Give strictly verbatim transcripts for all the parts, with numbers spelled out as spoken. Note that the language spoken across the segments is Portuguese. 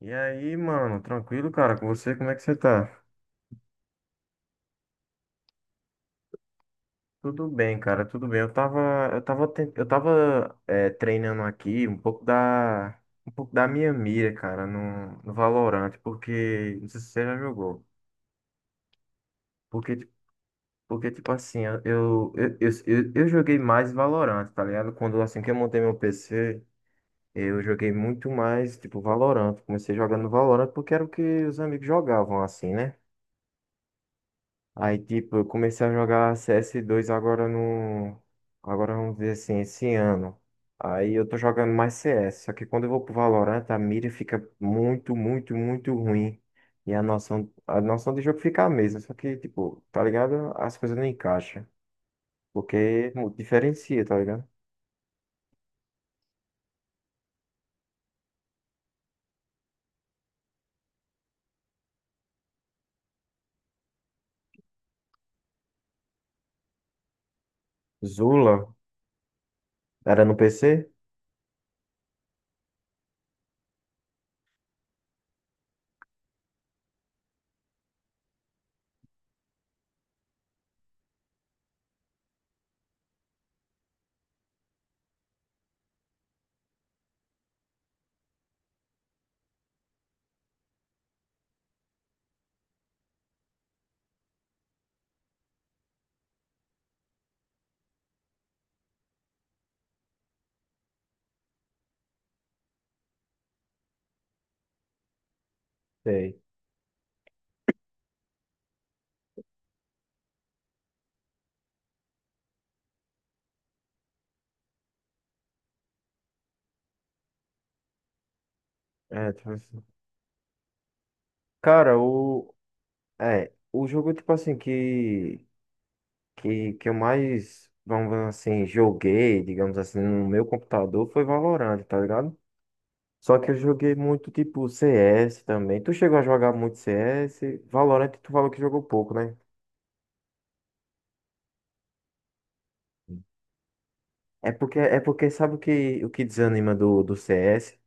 E aí, mano, tranquilo, cara, com você, como é que você tá? Tudo bem, cara, tudo bem. Eu tava, eu tava, ten- eu tava é, treinando aqui um pouco da, um pouco da minha mira, cara, no, no Valorant, porque, não sei se você já jogou, porque, ti- porque tipo assim, eu, eu, eu, eu, eu joguei mais Valorant, tá ligado? Quando, assim, que eu montei meu P C, eu joguei muito mais, tipo, Valorant. Comecei jogando Valorant porque era o que os amigos jogavam, assim, né? Aí, tipo, eu comecei a jogar C S dois agora no. Agora vamos dizer assim, esse ano. Aí eu tô jogando mais C S. Só que quando eu vou pro Valorant, a mira fica muito, muito, muito ruim. E a noção, a noção de jogo fica a mesma. Só que, tipo, tá ligado? As coisas não encaixam. Porque mu- diferencia, tá ligado? Zula era no P C? Sei. É, tipo assim. Cara, o. É, o jogo, tipo assim, que. que, que eu mais, vamos dizer assim, joguei, digamos assim, no meu computador foi Valorant, tá ligado? Só que eu joguei muito tipo C S também. Tu chegou a jogar muito C S? Valorant, tu falou que jogou pouco, né? É porque, é porque sabe o que, o que desanima do, do C S?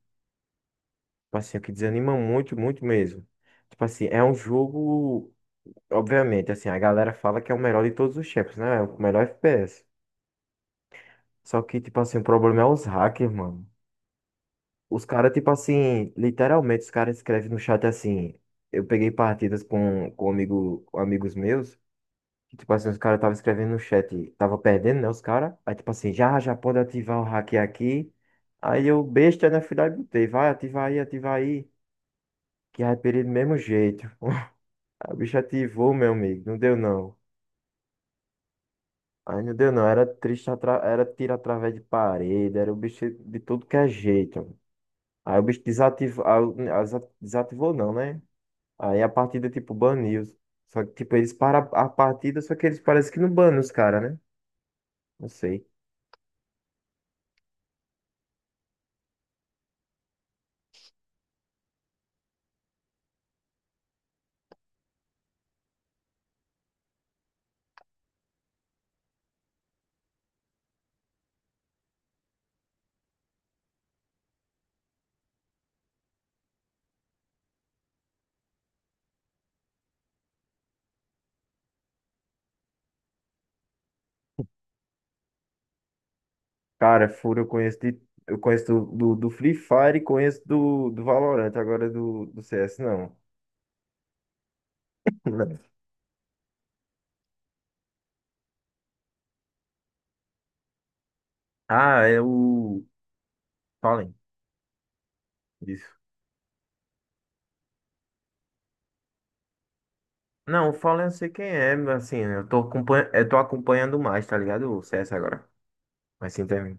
Tipo assim, o que desanima muito, muito mesmo. Tipo assim, é um jogo, obviamente, assim, a galera fala que é o melhor de todos os tempos, né? É o melhor F P S. Só que, tipo assim, o problema é os hackers, mano. Os caras, tipo assim, literalmente, os caras escrevem no chat assim. Eu peguei partidas com, com um amigo, com amigos meus, que, tipo assim, os caras estavam escrevendo no chat, tava perdendo, né, os caras. Aí, tipo assim, já, já pode ativar o hack aqui. Aí eu, besta, né, fui lá e botei, vai, ativa aí, ativa aí. Que aí, perdi do mesmo jeito. A bicha ativou, meu amigo, não deu não. Aí não deu não, era triste, atra- era tiro através de parede, era o bicho de tudo que é jeito. Aí o bicho desativou, aí o- aí desa- desativou não, né? Aí a partida, tipo, baniu. Só que, tipo, eles param a a partida, só que eles parecem que não banam os caras, né? Não sei. Cara, Furo eu conheço de, eu conheço do, do, do Free Fire e conheço do, do Valorant, agora do, do C S, não. Ah, é o Fallen, isso. Não, o Fallen eu sei quem é, mas assim, eu tô, acompanha... eu tô acompanhando mais, tá ligado? O C S agora. Mas sim, também.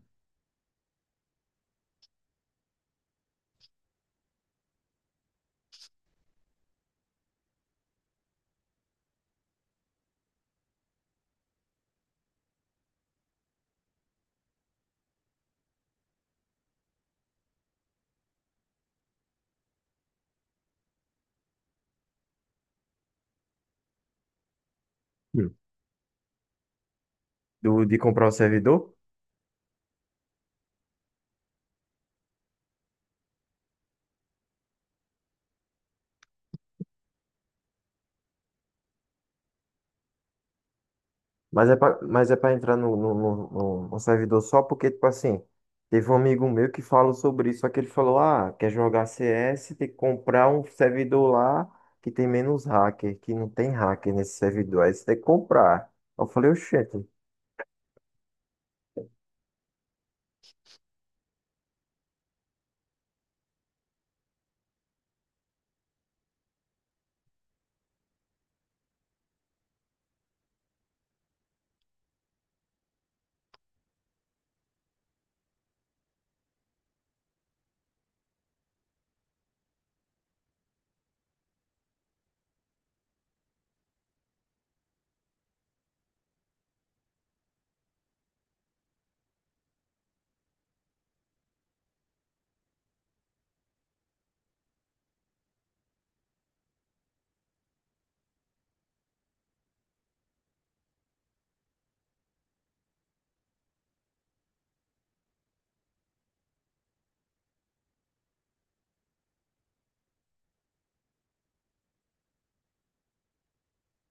Hum. Do, de comprar o servidor? Mas é pra, mas é pra entrar no, no, no, no- no servidor só porque, tipo assim, teve um amigo meu que falou sobre isso, só que ele falou, ah, quer jogar C S, tem que comprar um servidor lá que tem menos hacker, que não tem hacker nesse servidor, aí você tem que comprar. Eu falei, oxente,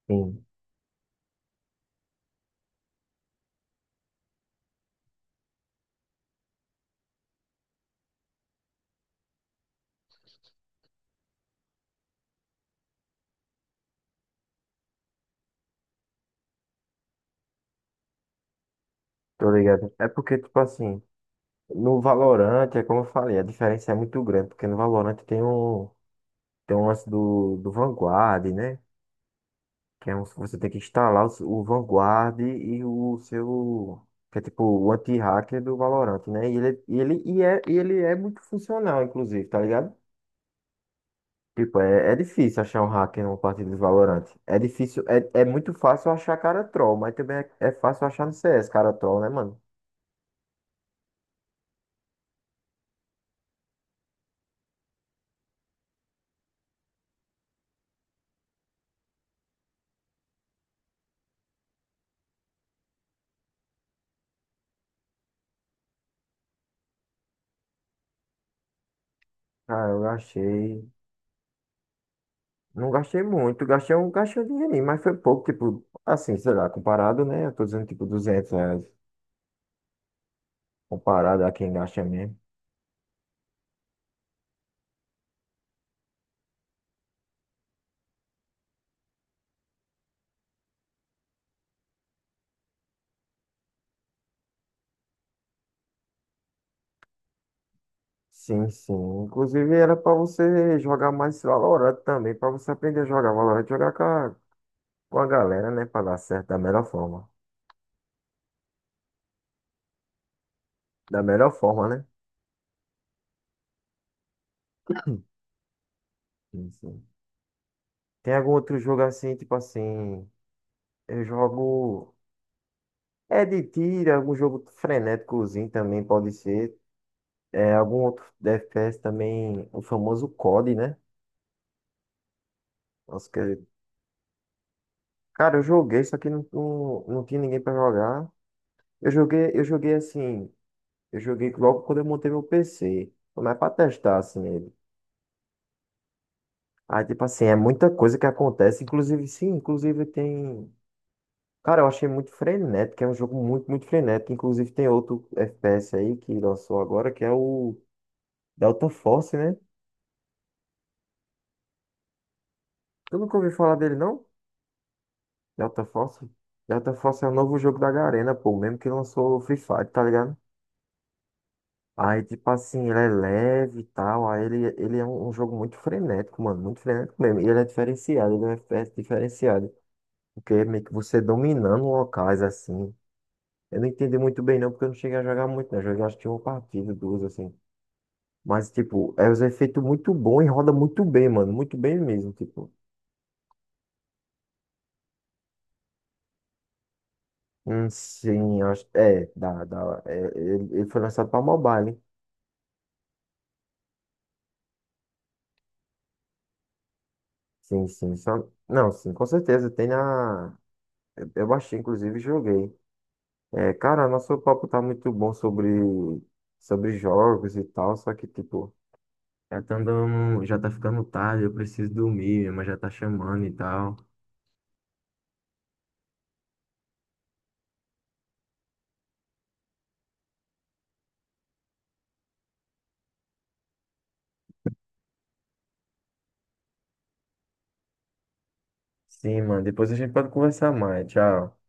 sim, tô ligado. É porque, tipo assim, no Valorant, é como eu falei, a diferença é muito grande, porque no Valorant tem um, tem um lance do, do Vanguard, né? Que é um- você tem que instalar o, s- o Vanguard e o seu. Que é tipo o anti-hacker do Valorant, né? E ele, e ele, e é, e ele é muito funcional, inclusive, tá ligado? Tipo, é, é difícil achar um hacker numa partida de Valorant. É difícil, é, é muito fácil achar cara troll, mas também é, é fácil achar no C S cara troll, né, mano? Ah, eu gastei. Não gastei muito, gastei um, gastei um dinheirinho, mas foi pouco, tipo, assim, sei lá, comparado, né? Eu tô dizendo, tipo, duzentos reais, comparado a quem gasta mesmo. Sim, sim. Inclusive era pra você jogar mais Valorant também, pra você aprender a jogar Valorant, jogar com a, com a galera, né? Pra dar certo da melhor forma. Da melhor forma, né? Sim, sim. Tem algum outro jogo assim, tipo assim, eu jogo. É de tiro, é algum jogo frenéticozinho também pode ser. É algum outro F P S também, o famoso C O D, né? Nossa, que... Cara, eu joguei, só que não, não, não tinha ninguém pra jogar. Eu joguei, eu joguei assim. Eu joguei logo quando eu montei meu P C. Foi mais pra testar, assim, ele. Aí, tipo assim, é muita coisa que acontece. Inclusive, sim, inclusive tem. Cara, eu achei muito frenético, é um jogo muito, muito frenético. Inclusive, tem outro F P S aí que lançou agora, que é o Delta Force, né? Tu nunca ouviu falar dele, não? Delta Force? Delta Force é o novo jogo da Garena, pô, mesmo que lançou o Free Fire, tá ligado? Aí, tipo assim, ele é leve e tal. Aí ele, ele é um, um jogo muito frenético, mano. Muito frenético mesmo. E ele é diferenciado, ele é um F P S diferenciado. Porque é meio que você dominando locais assim. Eu não entendi muito bem não, porque eu não cheguei a jogar muito, né? Joguei acho que uma partida, duas assim. Mas, tipo, é os efeitos muito bom e roda muito bem, mano. Muito bem mesmo, tipo. Hum, sim, acho. É, dá, dá. É, ele, ele foi lançado pra mobile, hein? Sim, sim. Só... Não, sim, com certeza. Tem na. Eu eu baixei, inclusive, e joguei. É, cara, nosso papo tá muito bom sobre, sobre jogos e tal, só que, tipo. Já tá andando, já tá ficando tarde, eu preciso dormir, minha mãe já tá chamando e tal. Sim, mano, depois a gente pode conversar mais. Tchau.